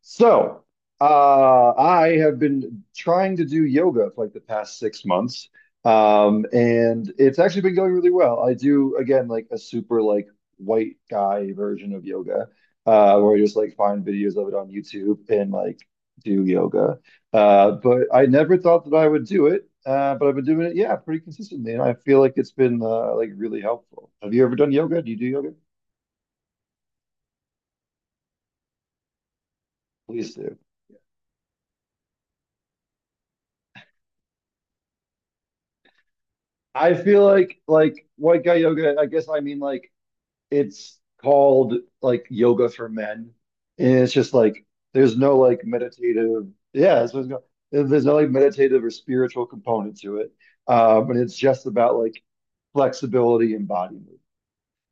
So, I have been trying to do yoga for like the past 6 months, and it's actually been going really well. I do again like a super like white guy version of yoga, where I just like find videos of it on YouTube and like do yoga. But I never thought that I would do it, but I've been doing it, yeah, pretty consistently, and I feel like it's been like really helpful. Have you ever done yoga? Do you do yoga? Please do. I feel like white guy yoga, I guess I mean like it's called like yoga for men, and it's just like there's no like meditative. Yeah, that's what it's. There's no like meditative or spiritual component to it, and it's just about like flexibility and body movement.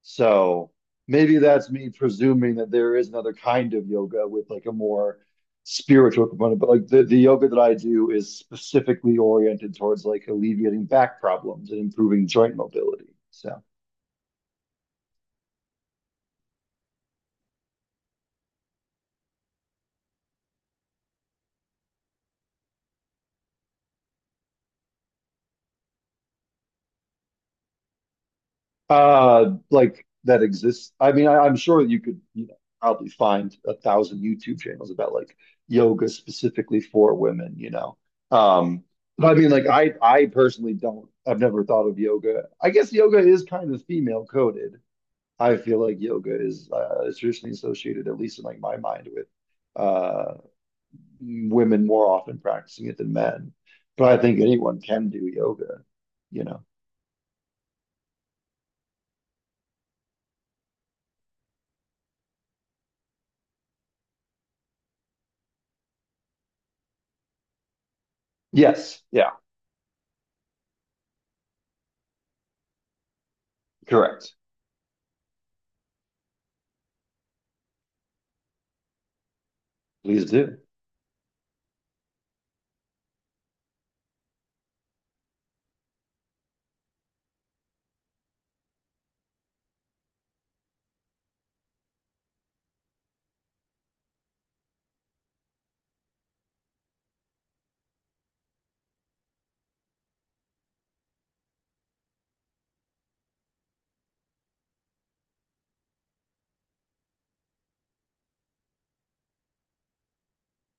So maybe that's me presuming that there is another kind of yoga with like a more spiritual component, but like the yoga that I do is specifically oriented towards like alleviating back problems and improving joint mobility. So Like that exists. I mean, I'm sure you could, you know, probably find a thousand YouTube channels about like yoga specifically for women, you know. Um, but I mean, like I personally don't. I've never thought of yoga. I guess yoga is kind of female coded. I feel like yoga is traditionally associated, at least in like my mind, with uh, women more often practicing it than men. But I think anyone can do yoga, you know. Yes, yeah, correct. Please do.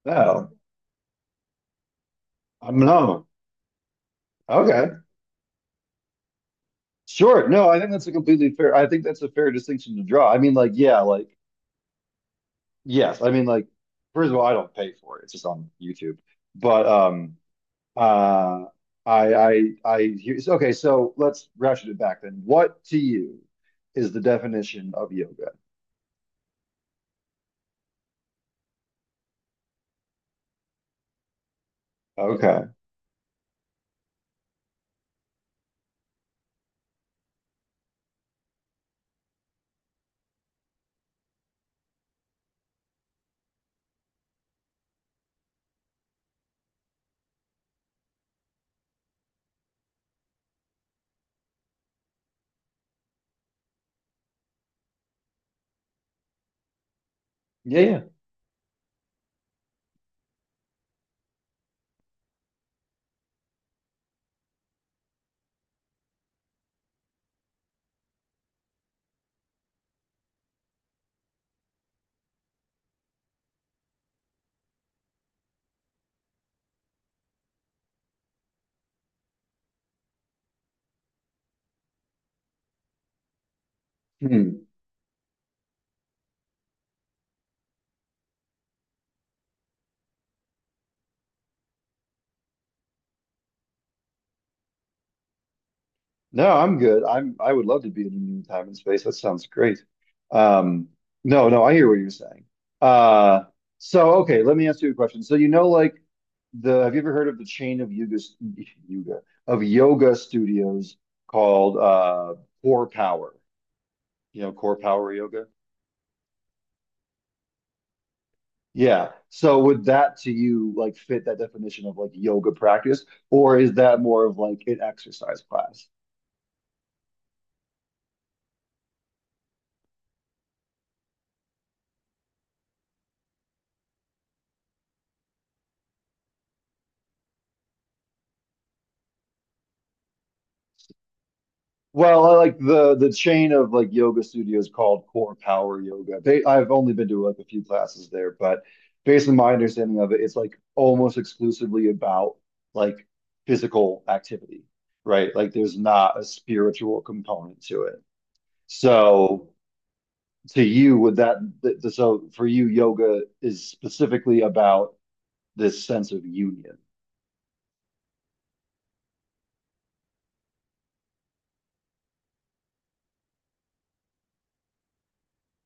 No, I'm no. Okay. Sure. No, I think that's a completely fair. I think that's a fair distinction to draw. I mean, like, yeah, like, yes. I mean, like, first of all, I don't pay for it. It's just on YouTube. But uh I hear okay, so let's ratchet it back then. What to you is the definition of yoga? Okay. Yeah, yeah. Hmm. No, I'm good. I would love to be in time and space. That sounds great. Um, no, no, I hear what you're saying. Uh, so okay, let me ask you a question. So you know, like the have you ever heard of the chain of yoga yoga studios called Core Power? You know, Core Power Yoga. Yeah. So would that to you like fit that definition of like yoga practice, or is that more of like an exercise class? Well, I like the chain of like yoga studios called Core Power Yoga. They, I've only been to like a few classes there, but based on my understanding of it, it's like almost exclusively about like physical activity, right? Like there's not a spiritual component to it. So to you, would that for you, yoga is specifically about this sense of union.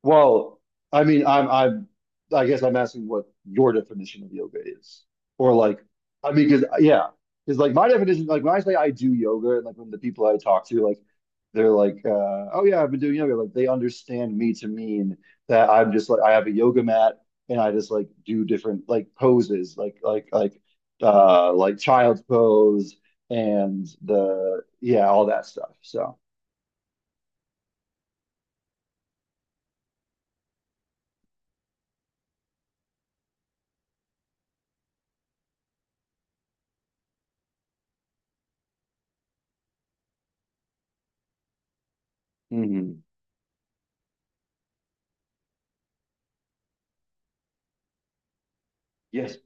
Well, I mean, I guess I'm asking what your definition of yoga is, or like, I mean, because yeah, because like my definition, like when I say I do yoga, and like when the people I talk to, like they're like, oh yeah, I've been doing yoga. Like they understand me to mean that I'm just like I have a yoga mat and I just like do different like poses, like child's pose and the yeah all that stuff. So mhm. Yes.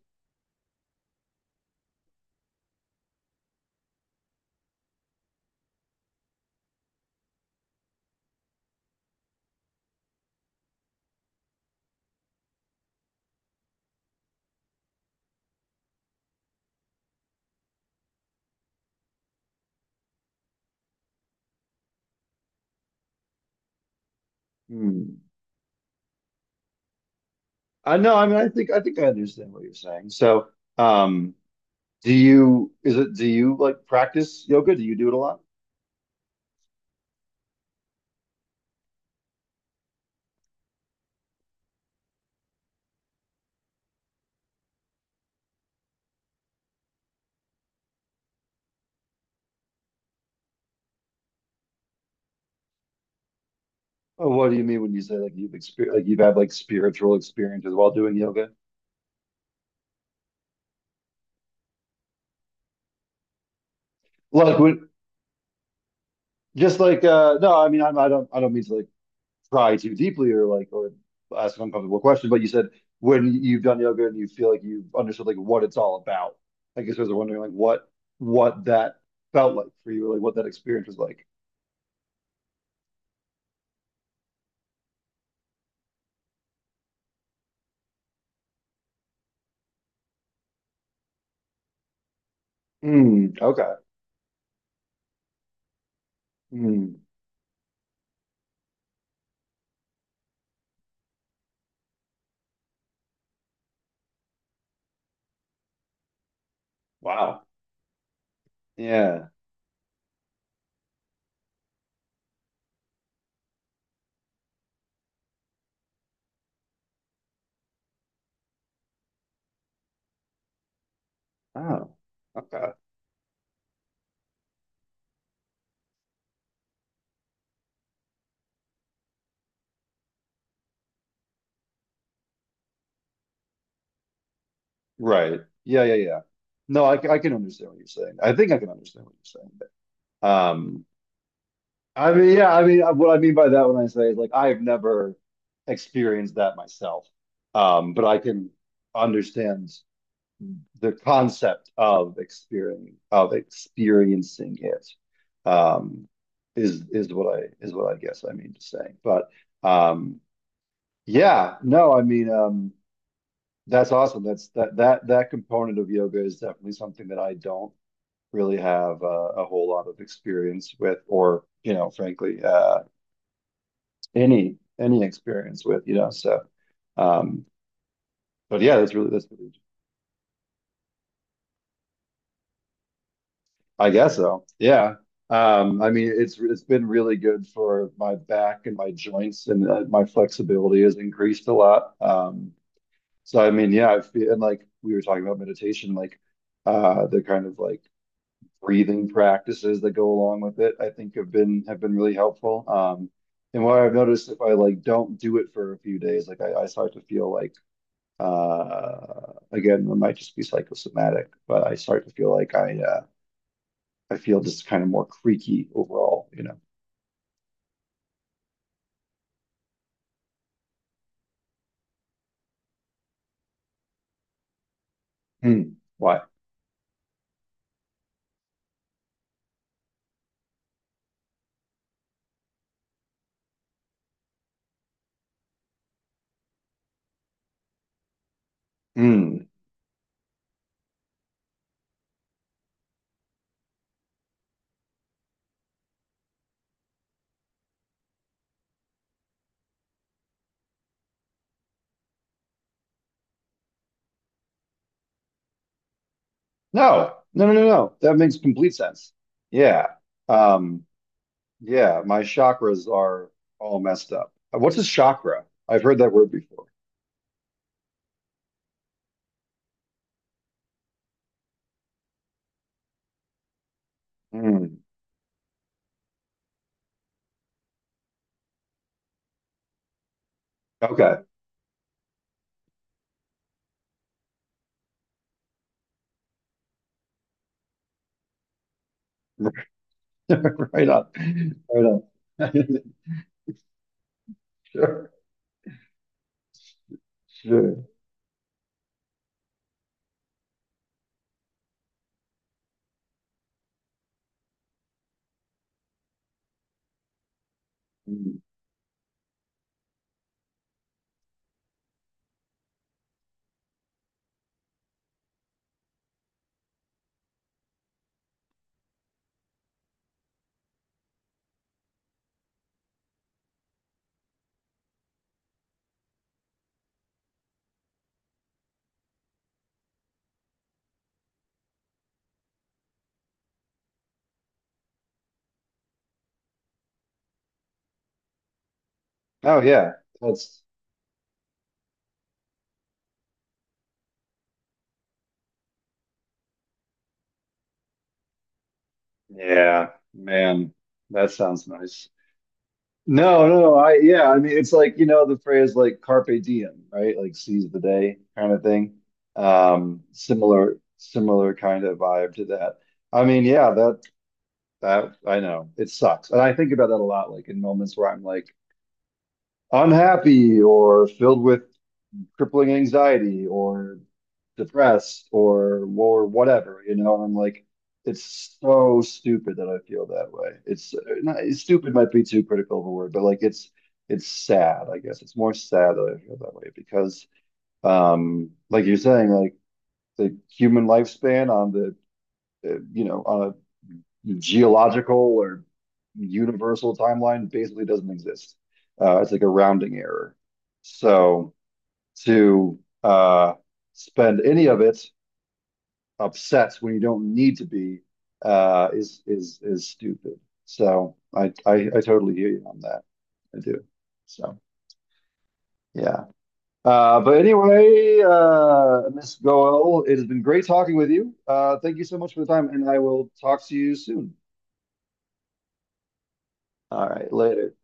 Hmm. I know. I mean, I think I understand what you're saying. So, um, do you like practice yoga? Do you do it a lot? Or what do you mean when you say like you've experienced like you've had like spiritual experiences while doing yoga? Like when just like no, I mean I don't mean to like pry too deeply or like or ask an uncomfortable question, but you said when you've done yoga and you feel like you've understood like what it's all about. I guess I was wondering like what that felt like for you, like what that experience was like. Mm, okay. Mm, wow. Yeah. Oh. Okay. Right. Yeah, yeah, yeah. No, I can understand what you're saying. I think I can understand what you're saying. Um, I mean, yeah, I mean, what I mean by that when I say is like I've never experienced that myself. But I can understand the concept of experiencing it. Um, is what I guess I mean to say. But um, yeah, no, I mean, that's awesome. That's that that That component of yoga is definitely something that I don't really have a whole lot of experience with, or you know, frankly, any experience with. You know, so um, but yeah, that's really, I guess so. Yeah. I mean, it's been really good for my back and my joints, and my flexibility has increased a lot. So I mean, yeah, I feel and like we were talking about meditation, like the kind of like breathing practices that go along with it, I think have been really helpful. And what I've noticed if I like don't do it for a few days, like I start to feel like again, it might just be psychosomatic, but I start to feel like I feel just kind of more creaky overall, you know. Hmm. Why? Hmm. No, no, no, no, no. That makes complete sense. Yeah. Um, yeah, my chakras are all messed up. What's a chakra? I've heard that word before. Hmm. Okay. Right on. Right on. Sure. Sure. Mm. Oh, yeah. That's, yeah, man, that sounds nice. No, no, no. I, yeah, I mean, it's like, you know, the phrase like carpe diem, right? Like seize the day kind of thing. Similar kind of vibe to that. I mean, yeah, that, I know it sucks. And I think about that a lot, like in moments where I'm like unhappy or filled with crippling anxiety or depressed or whatever, you know. And I'm like, it's so stupid that I feel that way. It's not stupid might be too critical of a word, but it's sad, I guess. It's more sad that I feel that way because, like you're saying, like the human lifespan on the you know on a geological or universal timeline basically doesn't exist. It's like a rounding error. So to uh, spend any of it upsets when you don't need to be is stupid. So I totally hear you on that. I do. So yeah. But anyway, Miss Goel, it has been great talking with you. Thank you so much for the time, and I will talk to you soon. All right, later.